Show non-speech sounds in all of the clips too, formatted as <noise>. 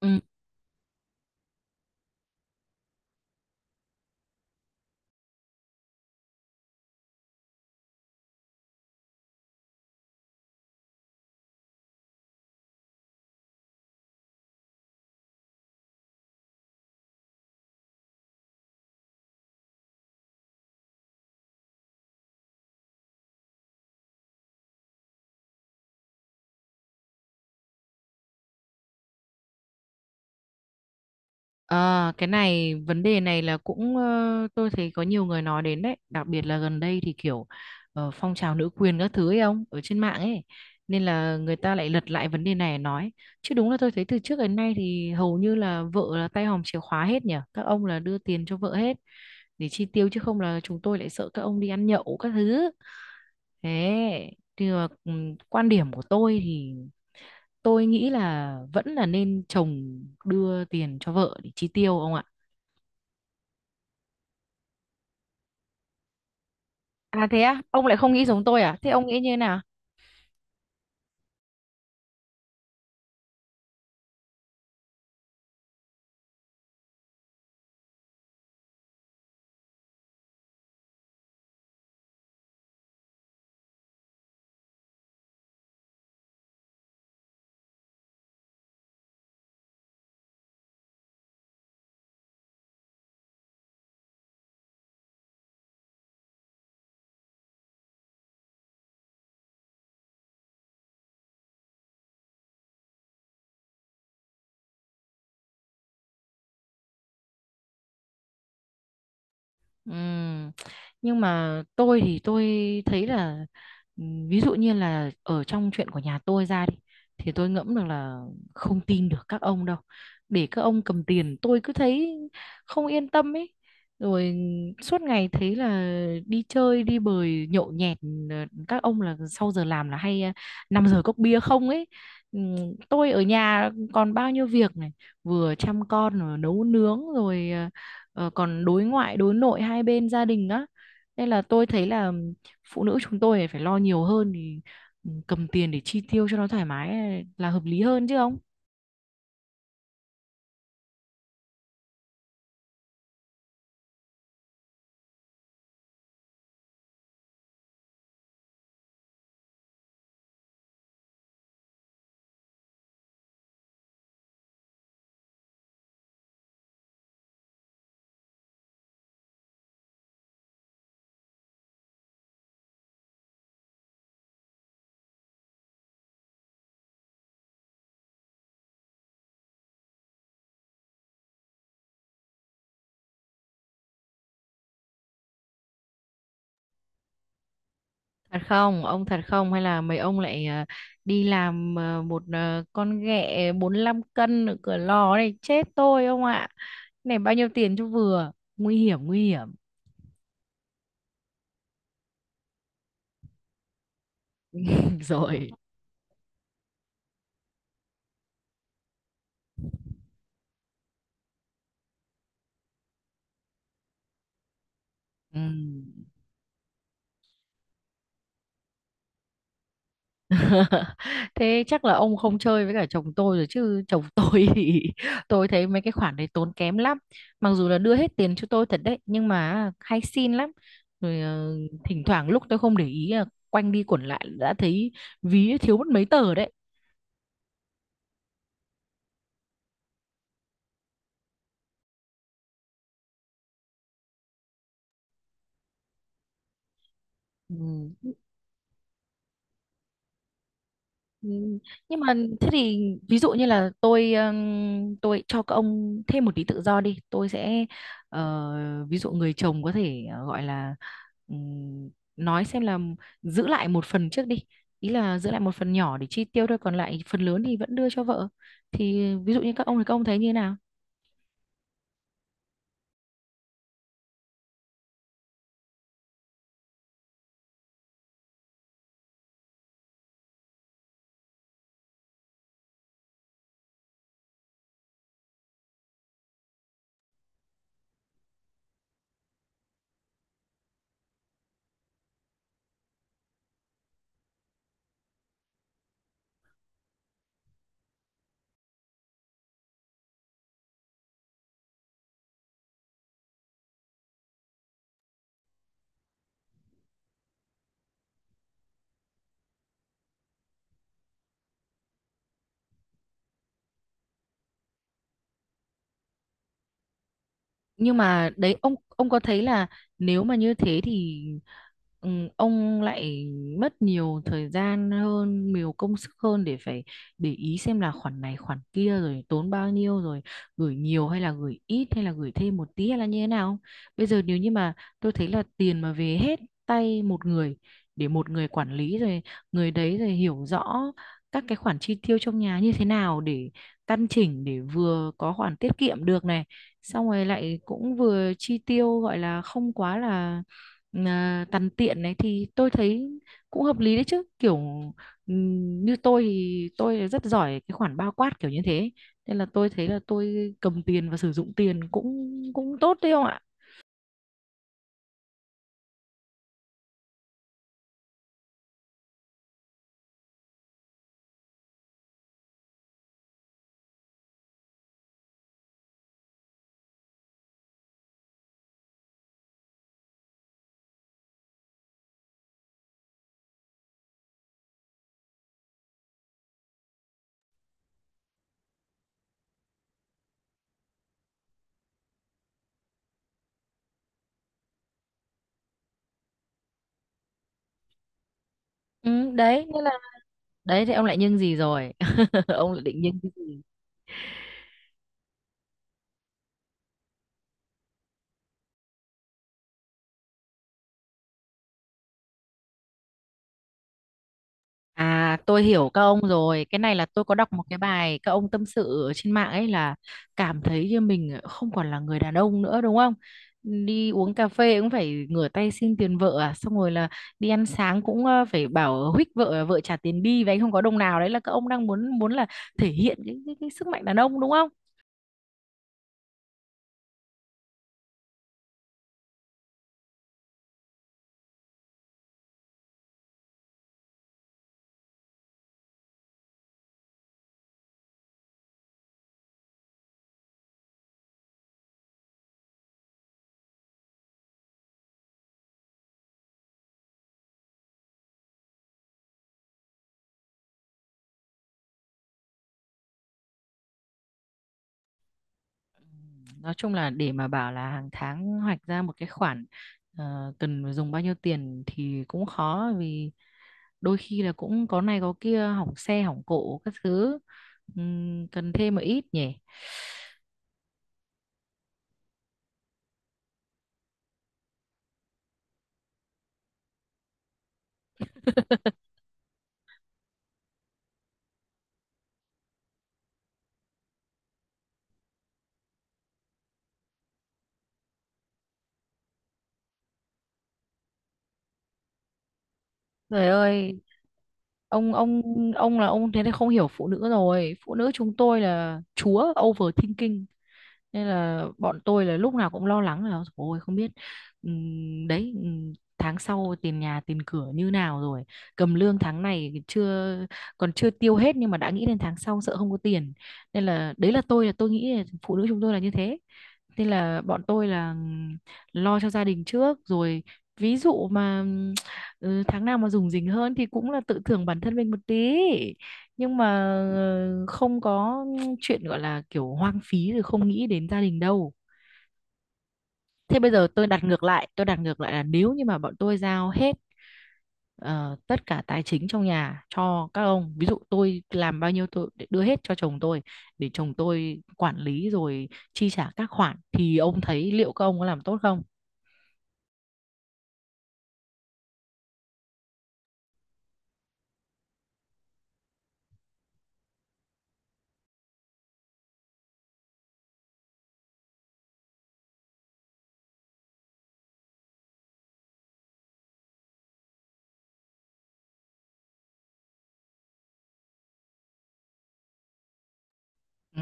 Ừ. À, cái này vấn đề này là cũng tôi thấy có nhiều người nói đến đấy, đặc biệt là gần đây thì kiểu phong trào nữ quyền các thứ ấy ông ở trên mạng ấy, nên là người ta lại lật lại vấn đề này nói. Chứ đúng là tôi thấy từ trước đến nay thì hầu như là vợ là tay hòm chìa khóa hết nhỉ, các ông là đưa tiền cho vợ hết để chi tiêu, chứ không là chúng tôi lại sợ các ông đi ăn nhậu các thứ. Thế thì mà, quan điểm của tôi thì tôi nghĩ là vẫn là nên chồng đưa tiền cho vợ để chi tiêu ông ạ. À thế á, ông lại không nghĩ giống tôi à? Thế ông nghĩ như thế nào? Ừm, Nhưng mà tôi thì tôi thấy là ví dụ như là ở trong chuyện của nhà tôi ra đi thì tôi ngẫm được là không tin được các ông đâu. Để các ông cầm tiền tôi cứ thấy không yên tâm ấy. Rồi suốt ngày thấy là đi chơi đi bời nhậu nhẹt, các ông là sau giờ làm là hay 5 giờ cốc bia không ấy. Ừm, Tôi ở nhà còn bao nhiêu việc này, vừa chăm con rồi nấu nướng rồi còn đối ngoại đối nội hai bên gia đình á, nên là tôi thấy là phụ nữ chúng tôi phải lo nhiều hơn thì cầm tiền để chi tiêu cho nó thoải mái là hợp lý hơn chứ ông. Thật không ông, thật không hay là mấy ông lại đi làm con ghẹ 45 cân ở cửa lò này chết tôi ông ạ, này bao nhiêu tiền cho vừa, nguy hiểm nguy hiểm. <laughs> Rồi. Ừ. <laughs> Thế chắc là ông không chơi với cả chồng tôi rồi, chứ chồng tôi <laughs> thì tôi thấy mấy cái khoản đấy tốn kém lắm. Mặc dù là đưa hết tiền cho tôi thật đấy nhưng mà hay xin lắm. Rồi thỉnh thoảng lúc tôi không để ý là quanh đi quẩn lại đã thấy ví thiếu mất mấy tờ đấy. Ừ. Ừ, nhưng mà thế thì ví dụ như là tôi cho các ông thêm một tí tự do đi, tôi sẽ ví dụ người chồng có thể gọi là ừm, nói xem là giữ lại một phần trước đi, ý là giữ lại một phần nhỏ để chi tiêu thôi, còn lại phần lớn thì vẫn đưa cho vợ, thì ví dụ như các ông thì các ông thấy như thế nào. Nhưng mà đấy ông có thấy là nếu mà như thế thì ừ, ông lại mất nhiều thời gian hơn, nhiều công sức hơn để phải để ý xem là khoản này khoản kia rồi tốn bao nhiêu, rồi gửi nhiều hay là gửi ít hay là gửi thêm một tí hay là như thế nào không? Bây giờ nếu như mà tôi thấy là tiền mà về hết tay một người, để một người quản lý rồi, người đấy rồi hiểu rõ các cái khoản chi tiêu trong nhà như thế nào để căn chỉnh, để vừa có khoản tiết kiệm được này, xong rồi lại cũng vừa chi tiêu gọi là không quá là à, tằn tiện này, thì tôi thấy cũng hợp lý đấy chứ. Kiểu như tôi thì tôi rất giỏi cái khoản bao quát kiểu như thế, nên là tôi thấy là tôi cầm tiền và sử dụng tiền cũng cũng tốt đấy không ạ. Ừ, đấy, nên là đấy, thì ông lại nhưng gì rồi? <laughs> Ông lại định nhưng cái gì? À, tôi hiểu các ông rồi. Cái này là tôi có đọc một cái bài các ông tâm sự ở trên mạng ấy, là cảm thấy như mình không còn là người đàn ông nữa đúng không? Đi uống cà phê cũng phải ngửa tay xin tiền vợ à, xong rồi là đi ăn sáng cũng phải bảo huých vợ vợ trả tiền đi và anh không có đồng nào, đấy là các ông đang muốn muốn là thể hiện cái sức mạnh đàn ông đúng. Nói chung là để mà bảo là hàng tháng hoạch ra một cái khoản cần dùng bao nhiêu tiền thì cũng khó, vì đôi khi là cũng có này có kia, hỏng xe hỏng cộ các thứ. Cần thêm một ít nhỉ. <laughs> Trời ơi, ông ông ông là ông thế này không hiểu phụ nữ rồi, phụ nữ chúng tôi là chúa overthinking, nên là bọn tôi là lúc nào cũng lo lắng là ôi không biết, đấy, tháng sau tiền nhà tiền cửa như nào rồi, cầm lương tháng này chưa, còn chưa tiêu hết nhưng mà đã nghĩ đến tháng sau sợ không có tiền. Nên là đấy, là tôi nghĩ là phụ nữ chúng tôi là như thế, nên là bọn tôi là lo cho gia đình trước. Rồi ví dụ mà tháng nào mà rủng rỉnh hơn thì cũng là tự thưởng bản thân mình một tí, nhưng mà không có chuyện gọi là kiểu hoang phí rồi không nghĩ đến gia đình đâu. Thế bây giờ tôi đặt ngược lại, tôi đặt ngược lại là nếu như mà bọn tôi giao hết ờ, tất cả tài chính trong nhà cho các ông, ví dụ tôi làm bao nhiêu tôi để đưa hết cho chồng tôi, để chồng tôi quản lý rồi chi trả các khoản, thì ông thấy liệu các ông có làm tốt không. Ừ.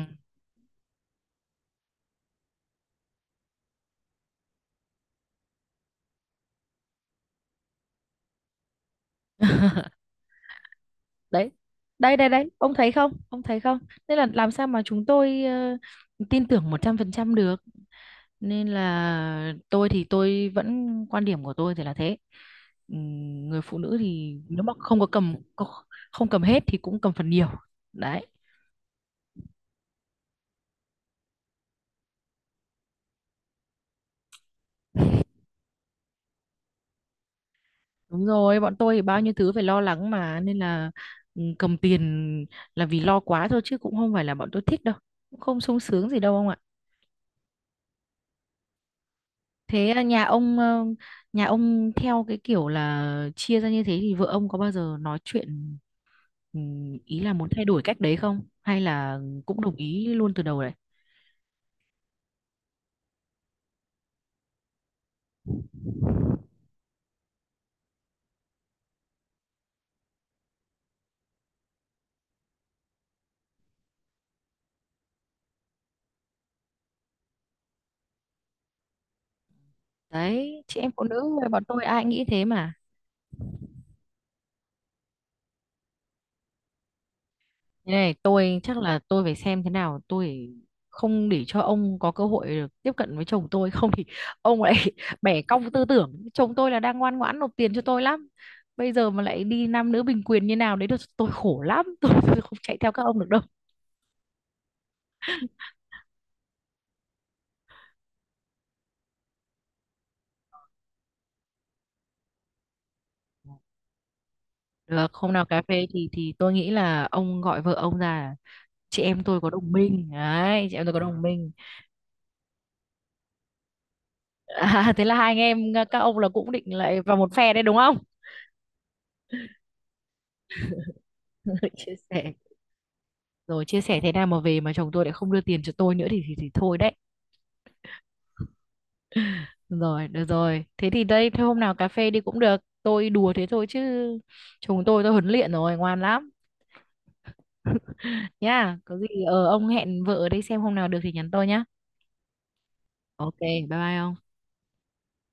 <laughs> Đấy, đây đây đây, ông thấy không, ông thấy không? Nên là làm sao mà chúng tôi tin tưởng 100% được. Nên là tôi thì tôi vẫn quan điểm của tôi thì là thế. Ừm, Người phụ nữ thì nếu mà không không cầm hết thì cũng cầm phần nhiều. Đấy. Đúng rồi, bọn tôi thì bao nhiêu thứ phải lo lắng mà, nên là cầm tiền là vì lo quá thôi chứ cũng không phải là bọn tôi thích đâu, cũng không sung sướng gì đâu ông ạ. Thế à, nhà ông theo cái kiểu là chia ra như thế, thì vợ ông có bao giờ nói chuyện, ý là muốn thay đổi cách đấy không, hay là cũng đồng ý luôn từ đầu? Đấy, chị em phụ nữ rồi, bọn tôi ai nghĩ thế mà. Thế này, tôi chắc là tôi phải xem thế nào, tôi không để cho ông có cơ hội được tiếp cận với chồng tôi <laughs> không thì ông lại <laughs> bẻ cong tư tưởng. Chồng tôi là đang ngoan ngoãn nộp tiền cho tôi lắm. Bây giờ mà lại đi nam nữ bình quyền như nào đấy được tôi khổ lắm, <laughs> tôi không chạy theo các ông được đâu. Được, hôm nào cà phê thì tôi nghĩ là ông gọi vợ ông ra, chị em tôi có đồng minh đấy, chị em tôi có đồng minh. <laughs> À, thế là hai anh em các ông là cũng định lại vào một phe đấy đúng không? <laughs> Chia sẻ, rồi chia sẻ thế nào mà về mà chồng tôi lại không đưa tiền cho tôi nữa thì thì thôi đấy. Rồi, được rồi, thế thì đây, thôi hôm nào cà phê đi cũng được, tôi đùa thế thôi chứ chồng tôi huấn luyện rồi ngoan lắm nhá. Có gì ờ ông hẹn vợ ở đây xem hôm nào được thì nhắn tôi nhá. Ok bye bye ông.